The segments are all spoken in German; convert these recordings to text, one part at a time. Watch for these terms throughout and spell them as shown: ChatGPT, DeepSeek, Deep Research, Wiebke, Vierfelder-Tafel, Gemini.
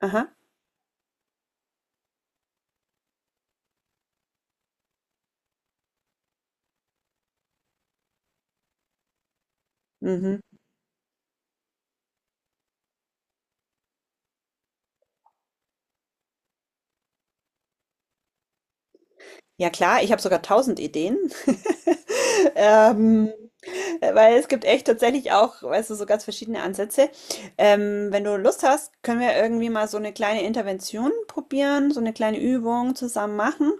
Aha, mhm. Ja klar, ich habe sogar tausend Ideen. Ähm, weil es gibt echt tatsächlich auch, weißt du, so ganz verschiedene Ansätze. Wenn du Lust hast, können wir irgendwie mal so eine kleine Intervention probieren, so eine kleine Übung zusammen machen,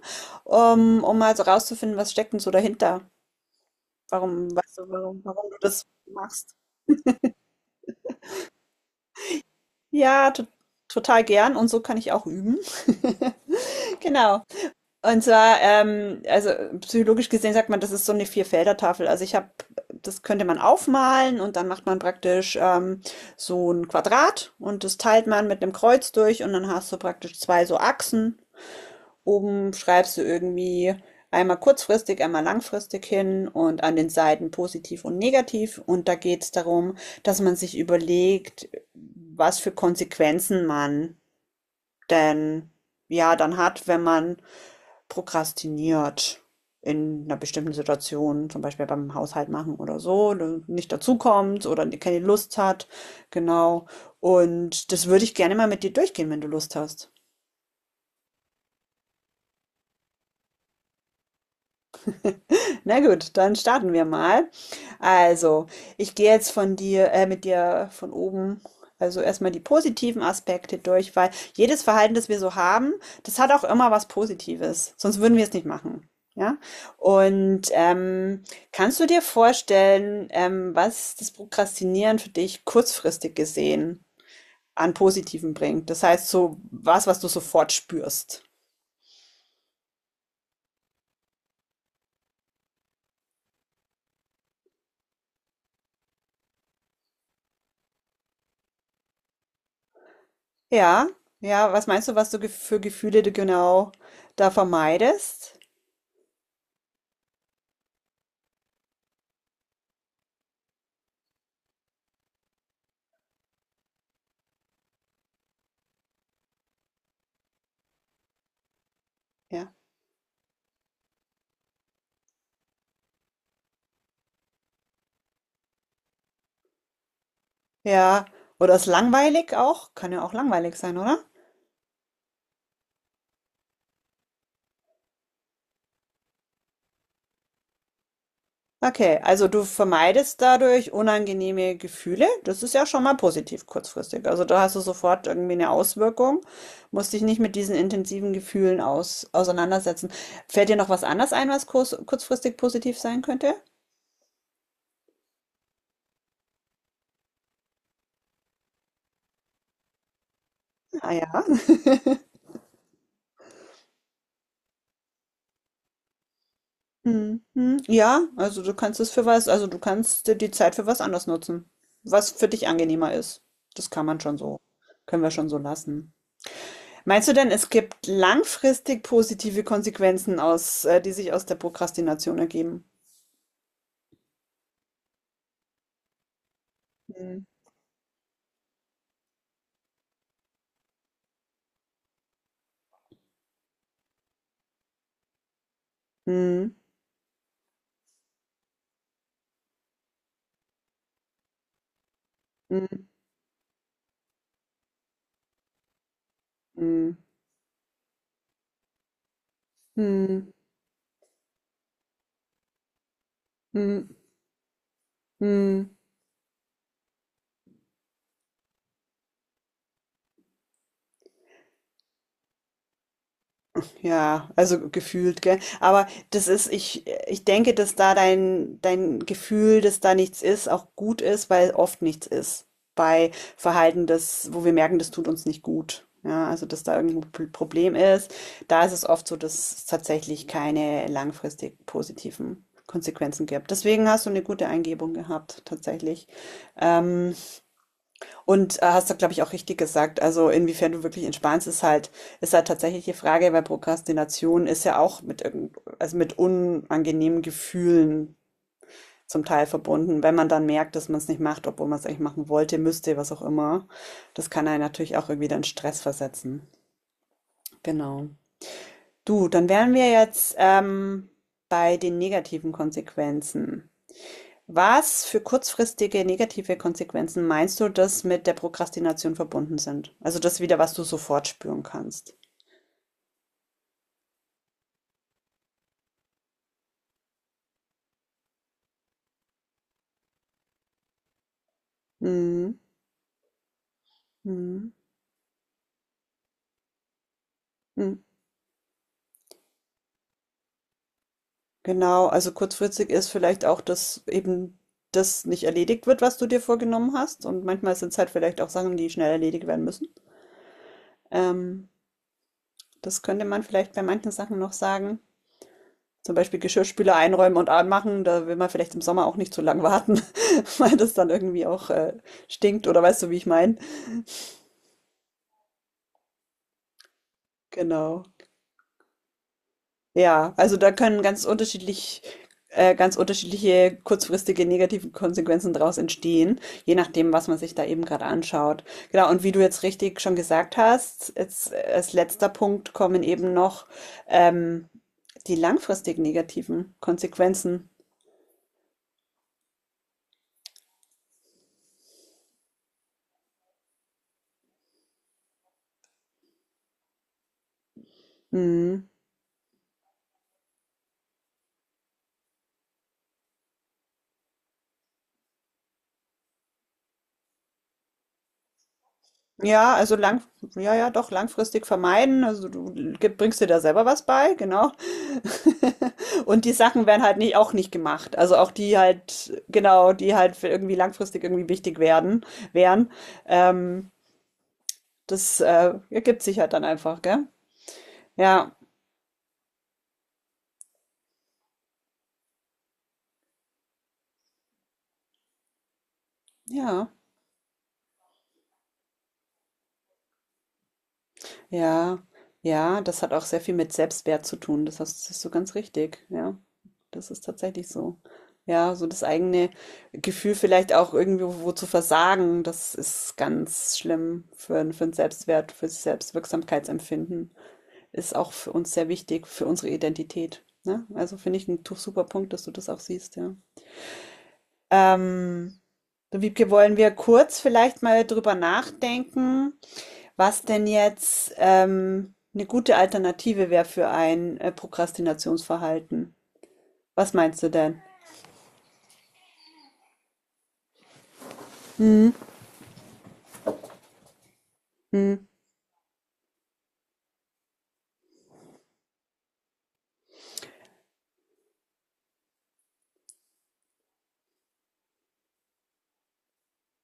um mal so rauszufinden, was steckt denn so dahinter? Warum, weißt du, warum du das machst? Ja, to total gern und so kann ich auch üben. Genau. Und zwar, also psychologisch gesehen sagt man, das ist so eine Vierfelder-Tafel. Also ich habe, das könnte man aufmalen und dann macht man praktisch so ein Quadrat und das teilt man mit einem Kreuz durch und dann hast du praktisch zwei so Achsen. Oben schreibst du irgendwie einmal kurzfristig, einmal langfristig hin und an den Seiten positiv und negativ. Und da geht es darum, dass man sich überlegt, was für Konsequenzen man denn ja dann hat, wenn man prokrastiniert in einer bestimmten Situation, zum Beispiel beim Haushalt machen oder so, ne, nicht dazukommt oder ne keine Lust hat, genau. Und das würde ich gerne mal mit dir durchgehen, wenn du Lust hast. Na gut, dann starten wir mal. Also, ich gehe jetzt von dir, mit dir von oben, also erstmal die positiven Aspekte durch, weil jedes Verhalten, das wir so haben, das hat auch immer was Positives. Sonst würden wir es nicht machen. Ja? Und kannst du dir vorstellen, was das Prokrastinieren für dich kurzfristig gesehen an Positiven bringt? Das heißt, so was, was du sofort spürst. Ja, ja, was meinst du, was du gef für Gefühle du genau da vermeidest? Ja, ja. Oder ist langweilig auch? Kann ja auch langweilig sein, oder? Okay, also du vermeidest dadurch unangenehme Gefühle. Das ist ja schon mal positiv kurzfristig. Also da hast du sofort irgendwie eine Auswirkung, musst dich nicht mit diesen intensiven Gefühlen auseinandersetzen. Fällt dir noch was anderes ein, was kurzfristig positiv sein könnte? Ah ja. Mhm. Ja, also du kannst es für was, also du kannst dir die Zeit für was anderes nutzen, was für dich angenehmer ist. Das kann man schon so, können wir schon so lassen. Meinst du denn, es gibt langfristig positive Konsequenzen die sich aus der Prokrastination ergeben? Mhm. Mhm. Mhm. Mhm. Mhm. Mhm. Mhm. Ja, also gefühlt, gell? Aber das ist, ich denke, dass da dein, dein Gefühl, dass da nichts ist, auch gut ist, weil oft nichts ist. Bei Verhalten, das, wo wir merken, das tut uns nicht gut. Ja, also dass da irgendein Problem ist. Da ist es oft so, dass es tatsächlich keine langfristig positiven Konsequenzen gibt. Deswegen hast du eine gute Eingebung gehabt, tatsächlich. Ähm, und hast du, glaube ich, auch richtig gesagt. Also inwiefern du wirklich entspannst, ist halt tatsächlich die Frage, weil Prokrastination ist ja auch also mit unangenehmen Gefühlen zum Teil verbunden. Wenn man dann merkt, dass man es nicht macht, obwohl man es eigentlich machen wollte, müsste, was auch immer, das kann einen natürlich auch irgendwie dann Stress versetzen. Genau. Du, dann wären wir jetzt bei den negativen Konsequenzen. Was für kurzfristige negative Konsequenzen meinst du, dass mit der Prokrastination verbunden sind? Also das wieder, was du sofort spüren kannst. Mhm. Mhm. Mhm. Genau, also kurzfristig ist vielleicht auch, dass eben das nicht erledigt wird, was du dir vorgenommen hast. Und manchmal sind es halt vielleicht auch Sachen, die schnell erledigt werden müssen. Ähm, das könnte man vielleicht bei manchen Sachen noch sagen. Zum Beispiel Geschirrspüler einräumen und anmachen. Da will man vielleicht im Sommer auch nicht zu lang warten, weil das dann irgendwie auch stinkt oder weißt du, wie ich meine. Genau. Ja, also da können ganz unterschiedliche kurzfristige negative Konsequenzen daraus entstehen, je nachdem, was man sich da eben gerade anschaut. Genau, und wie du jetzt richtig schon gesagt hast, jetzt als letzter Punkt kommen eben noch ähm, die langfristig negativen Konsequenzen. Mhm. Ja, also ja, ja, doch, langfristig vermeiden. Also du bringst dir da selber was bei, genau. Und die Sachen werden halt nicht, auch nicht gemacht. Also auch die halt, genau, die halt für irgendwie langfristig irgendwie wichtig werden, wären. Ähm, das ergibt sich halt dann einfach, gell? Ja, ja, ja, ja, das hat auch sehr viel mit Selbstwert zu tun. Das ist so ganz richtig, ja. Das ist tatsächlich so. Ja, so das eigene Gefühl vielleicht auch irgendwo wo zu versagen, das ist ganz schlimm für den Selbstwert, für das Selbstwirksamkeitsempfinden. Ist auch für uns sehr wichtig, für unsere Identität. Ne? Also finde ich ein super Punkt, dass du das auch siehst, ja. Ähm, Du Wiebke, wollen wir kurz vielleicht mal drüber nachdenken, was denn jetzt eine gute Alternative wäre für ein Prokrastinationsverhalten? Was meinst du denn? Hm, hm.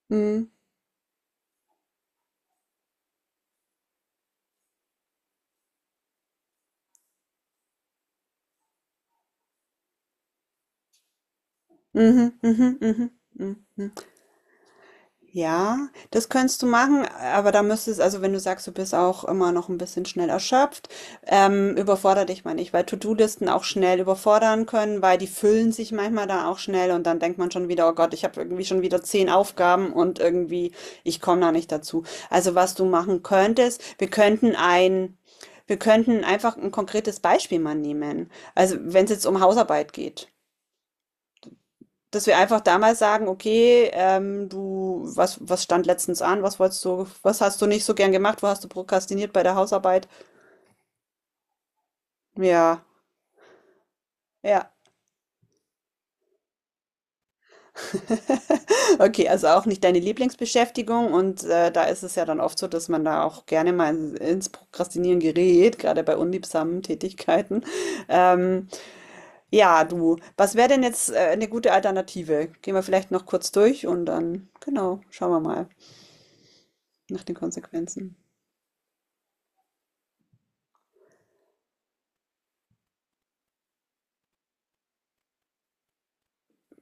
Mhm. Mhm, mhm, mhm, mhm, mhm. Ja, das könntest du machen, aber da müsstest, also wenn du sagst, du bist auch immer noch ein bisschen schnell erschöpft, überfordere dich mal nicht, weil To-Do-Listen auch schnell überfordern können, weil die füllen sich manchmal dann auch schnell und dann denkt man schon wieder, oh Gott, ich habe irgendwie schon wieder 10 Aufgaben und irgendwie, ich komme da nicht dazu. Also was du machen könntest, wir könnten einfach ein konkretes Beispiel mal nehmen. Also wenn es jetzt um Hausarbeit geht, dass wir einfach damals sagen, okay, du, was stand letztens an? Was wolltest du, was hast du nicht so gern gemacht? Wo hast du prokrastiniert bei der Hausarbeit? Ja, ja. Okay, also auch nicht deine Lieblingsbeschäftigung und da ist es ja dann oft so, dass man da auch gerne mal ins Prokrastinieren gerät, gerade bei unliebsamen Tätigkeiten. Ähm, ja, du, was wäre denn jetzt eine gute Alternative? Gehen wir vielleicht noch kurz durch und dann, genau, schauen wir mal nach den Konsequenzen.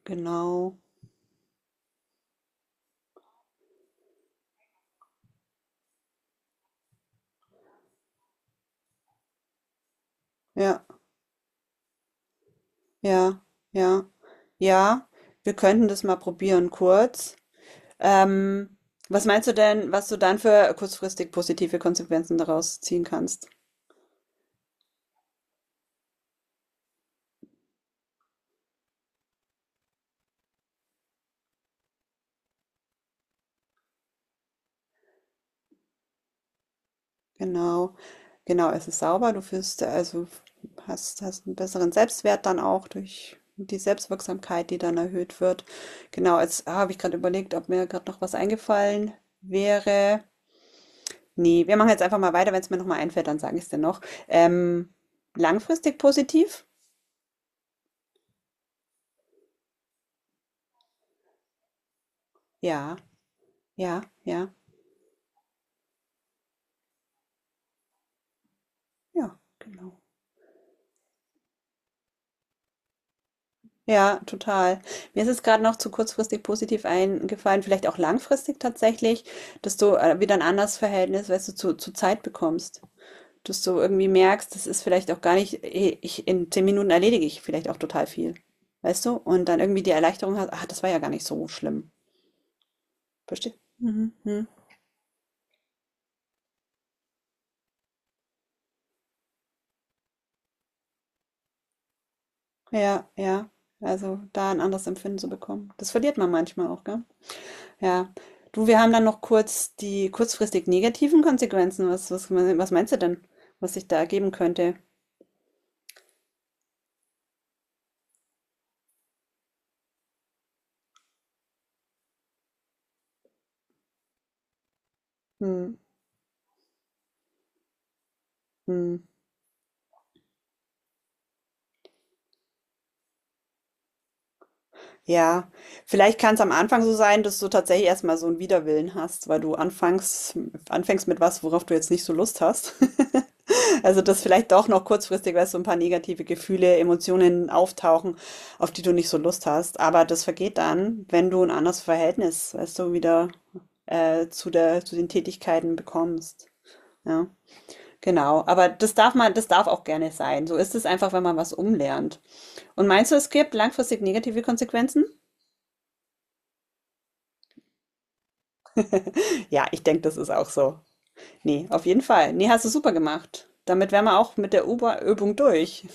Genau. Ja. Ja, ja, ja. Wir könnten das mal probieren, kurz. Ähm, Was meinst du denn, was du dann für kurzfristig positive Konsequenzen daraus ziehen kannst? Genau, genau, es ist sauber, also hast einen besseren Selbstwert dann auch durch die Selbstwirksamkeit, die dann erhöht wird. Genau, jetzt habe ich gerade überlegt, ob mir gerade noch was eingefallen wäre. Nee, wir machen jetzt einfach mal weiter. Wenn es mir nochmal einfällt, dann sage ich es dir noch. Ähm, Langfristig positiv? Ja, ja, ja. Ja, genau. Ja, total. Mir ist es gerade noch zu kurzfristig positiv eingefallen, vielleicht auch langfristig tatsächlich, dass du wieder ein anderes Verhältnis, weißt du, zu Zeit bekommst. Dass du irgendwie merkst, das ist vielleicht auch gar nicht, in 10 Minuten erledige ich vielleicht auch total viel. Weißt du? Und dann irgendwie die Erleichterung hast, ach, das war ja gar nicht so schlimm. Verstehst du? Mhm. Mhm. Ja, ja. Also da ein anderes Empfinden zu bekommen. Das verliert man manchmal auch, gell? Ja. Du, wir haben dann noch kurz die kurzfristig negativen Konsequenzen. Was meinst du denn, was sich da ergeben könnte? Hm, hm. Ja, vielleicht kann es am Anfang so sein, dass du tatsächlich erstmal so einen Widerwillen hast, weil du anfängst mit was, worauf du jetzt nicht so Lust hast. Also, dass vielleicht doch noch kurzfristig weißt, du so ein paar negative Gefühle, Emotionen auftauchen, auf die du nicht so Lust hast. Aber das vergeht dann, wenn du ein anderes Verhältnis, weißt du, wieder zu den Tätigkeiten bekommst. Ja, genau. Aber das darf man, das darf auch gerne sein. So ist es einfach, wenn man was umlernt. Und meinst du, es gibt langfristig negative Konsequenzen? Ja, ich denke, das ist auch so. Nee, auf jeden Fall. Nee, hast du super gemacht. Damit wären wir auch mit der Uber-Übung durch.